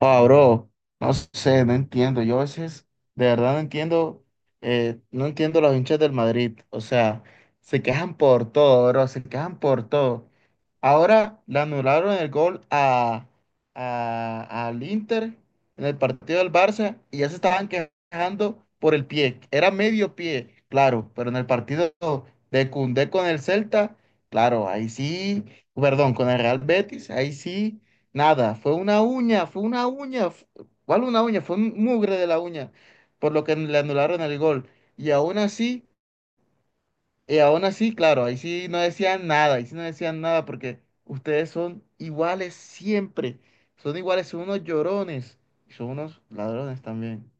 Ah, bro, no sé, no entiendo. Yo a veces, de verdad, no entiendo, no entiendo los hinchas del Madrid. O sea, se quejan por todo, bro, se quejan por todo. Ahora le anularon el gol a, al Inter en el partido del Barça y ya se estaban quejando por el pie. Era medio pie, claro, pero en el partido de Koundé con el Celta, claro, ahí sí, perdón, con el Real Betis, ahí sí. Nada, fue una uña, ¿cuál una uña? Fue un mugre de la uña, por lo que le anularon el gol. Y aún así, y aún así, claro, ahí sí no decían nada, ahí sí no decían nada porque ustedes son iguales siempre, son iguales, son unos llorones y son unos ladrones también.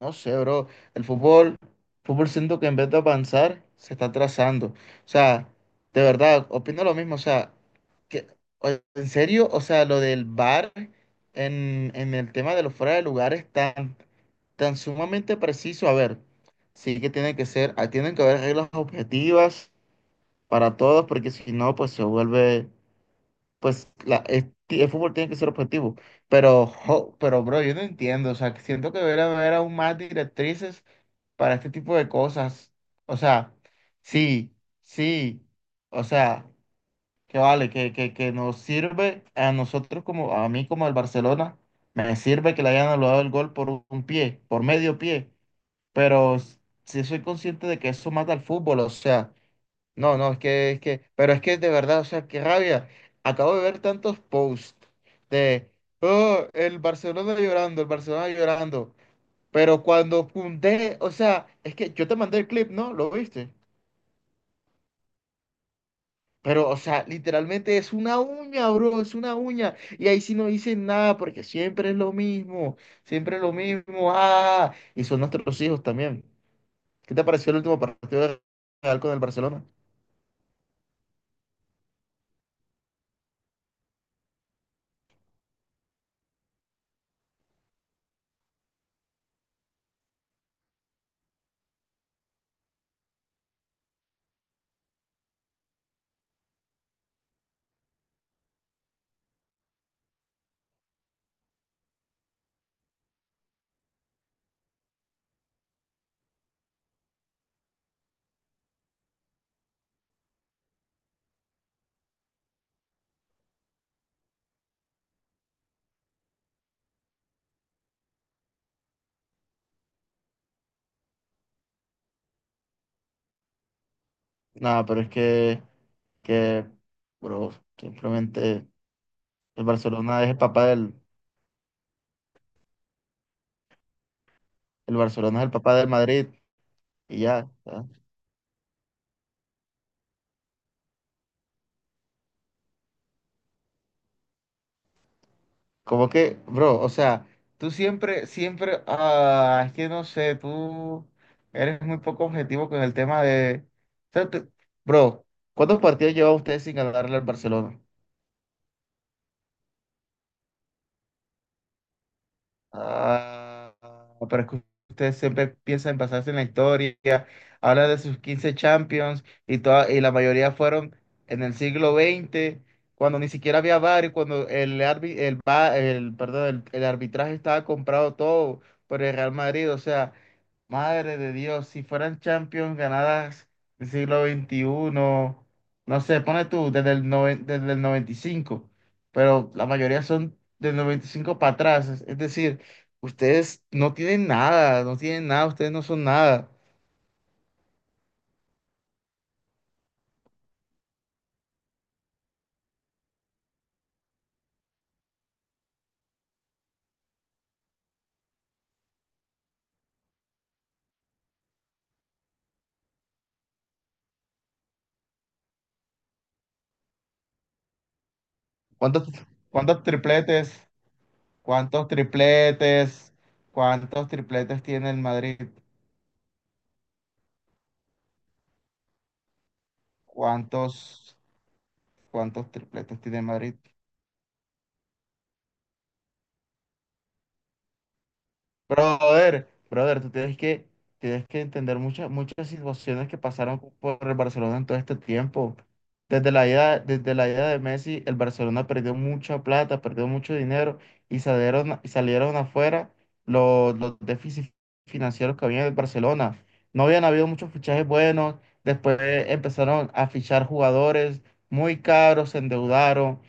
No sé, bro, el fútbol siento que en vez de avanzar, se está atrasando. O sea, de verdad, opino lo mismo, o sea, que- o- ¿en serio? O sea, lo del bar en el tema de los fuera de lugar es tan, tan sumamente preciso. A ver, sí que tiene que ser, tienen que haber reglas objetivas para todos, porque si no, pues se vuelve, el fútbol tiene que ser objetivo. Pero, jo, pero, bro, yo no entiendo. O sea, que siento que debería haber aún más directrices para este tipo de cosas. O sea, sí, sí. O sea que vale, que nos sirve a nosotros como, a mí como al Barcelona, me sirve que le hayan anulado el gol por un pie, por medio pie, pero sí soy consciente de que eso mata al fútbol, o sea, no, no, pero es que de verdad, o sea, qué rabia, acabo de ver tantos posts de, oh, el Barcelona llorando, pero cuando Koundé, o sea, es que yo te mandé el clip, ¿no? ¿Lo viste? Pero, o sea, literalmente es una uña, bro, es una uña. Y ahí sí no dicen nada porque siempre es lo mismo, siempre es lo mismo. Ah, y son nuestros hijos también. ¿Qué te pareció el último partido de Real con el Barcelona? Nada, pero es que, bro, simplemente el Barcelona es el papá del, el Barcelona es el papá del Madrid y ya. Como que, bro, o sea, tú siempre, siempre, es que no sé, tú eres muy poco objetivo con el tema de. O sea, bro, ¿cuántos partidos lleva usted sin ganarle al Barcelona? Ah, pero es que ustedes siempre piensan en basarse en la historia, habla de sus 15 Champions y la mayoría fueron en el siglo XX cuando ni siquiera había VAR y cuando el, arbi- el, va- el, perdón, el arbitraje estaba comprado todo por el Real Madrid. O sea, madre de Dios, si fueran Champions ganadas del siglo XXI, no sé, pone tú, desde el 95, pero la mayoría son del 95 para atrás, es decir. Ustedes no tienen nada, no tienen nada, ustedes no son nada. ¿Cuántos, cuántos tripletes? ¿Cuántos tripletes? ¿Cuántos tripletes tiene el Madrid? ¿Cuántos, cuántos tripletes tiene el Madrid? Brother, brother, tú tienes que entender muchas, muchas situaciones que pasaron por el Barcelona en todo este tiempo. Desde la ida de Messi, el Barcelona perdió mucha plata, perdió mucho dinero y salieron afuera los déficits financieros que había en el Barcelona. No habían habido muchos fichajes buenos, después empezaron a fichar jugadores muy caros, se endeudaron,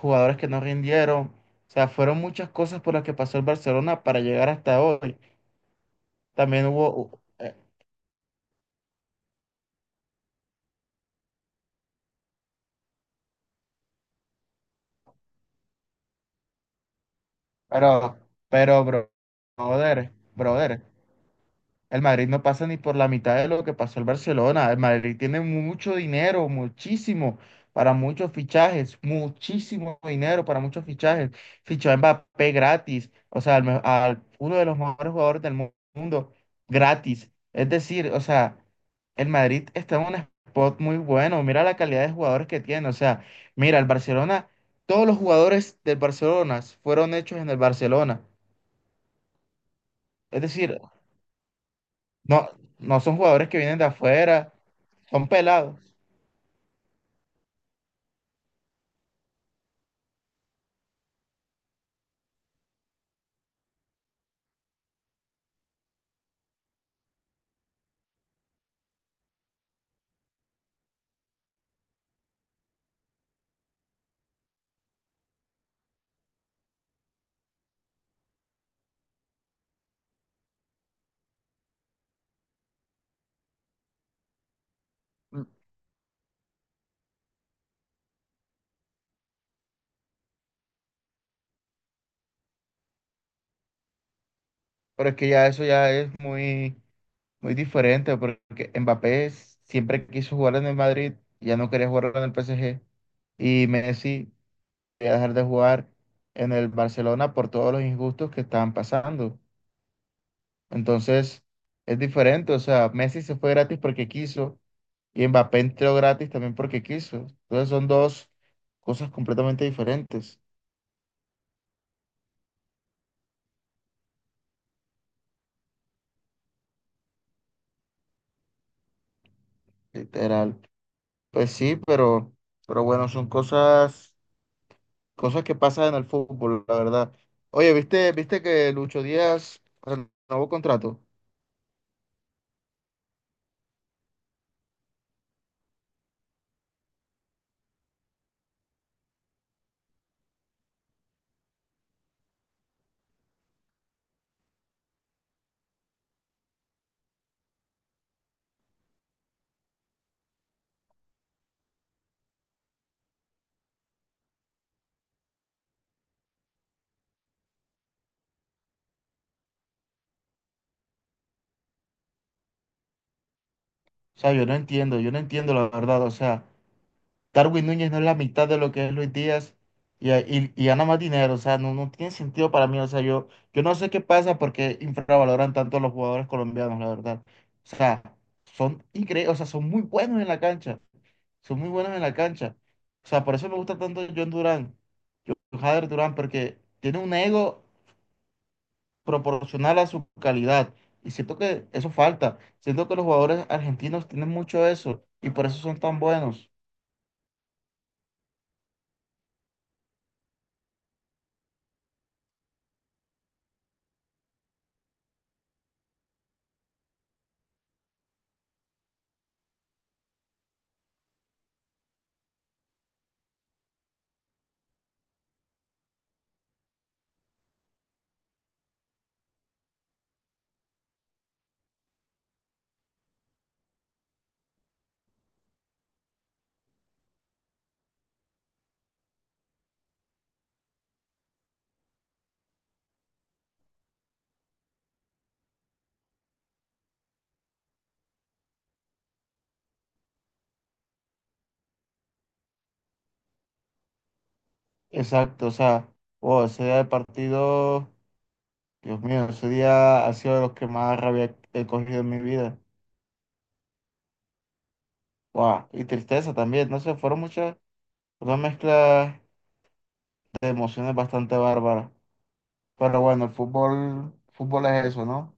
jugadores que no rindieron. O sea, fueron muchas cosas por las que pasó el Barcelona para llegar hasta hoy. También hubo, pero, pero, bro- Brother, brother, el Madrid no pasa ni por la mitad de lo que pasó el Barcelona. El Madrid tiene mucho dinero, muchísimo, para muchos fichajes, muchísimo dinero para muchos fichajes. Fichó a Mbappé gratis, o sea, uno de los mejores jugadores del mundo gratis. Es decir, o sea, el Madrid está en un spot muy bueno. Mira la calidad de jugadores que tiene. O sea, mira, el Barcelona, todos los jugadores del Barcelona fueron hechos en el Barcelona. Es decir, no, no son jugadores que vienen de afuera Son Pelados. Pero es que ya eso ya es muy, muy diferente, porque Mbappé siempre quiso jugar en el Madrid, ya no quería jugar en el PSG. Y Messi quería dejar de jugar en el Barcelona por todos los injustos que estaban pasando. Entonces, es diferente. O sea, Messi se fue gratis porque quiso y Mbappé entró gratis también porque quiso. Entonces, son dos cosas completamente diferentes, literal. Pues sí, pero, bueno, son cosas Cosas que pasan en el fútbol, la verdad. Oye, ¿viste que Lucho Díaz renovó contrato? O sea, yo no entiendo la verdad. O sea, Darwin Núñez no es la mitad de lo que es Luis Díaz y gana más dinero. O sea, no tiene sentido para mí. O sea, yo no sé qué pasa porque infravaloran tanto a los jugadores colombianos, la verdad. O sea, son increíbles, o sea, son muy buenos en la cancha. Son muy buenos en la cancha. O sea, por eso me gusta tanto John Durán, Jader Durán, porque tiene un ego proporcional a su calidad. Y siento que eso falta. Siento que los jugadores argentinos tienen mucho eso y por eso son tan buenos. Exacto, o sea, wow, ese día de partido, Dios mío, ese día ha sido de los que más rabia he cogido en mi vida. Wow, y tristeza también, no sé, fueron muchas, una mezcla de emociones bastante bárbaras. Pero bueno, el fútbol es eso, ¿no?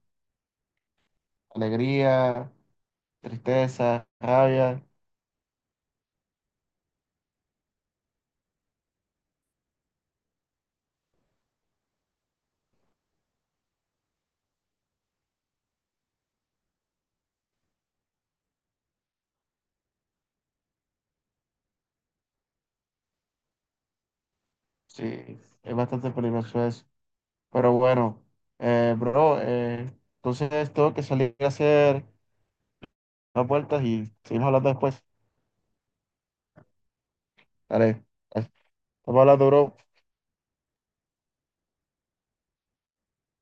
Alegría, tristeza, rabia. Sí, es bastante peligroso eso. Pero bueno, bro, entonces tengo que salir a hacer unas vueltas y seguimos hablando después. Dale, estamos hablando, bro.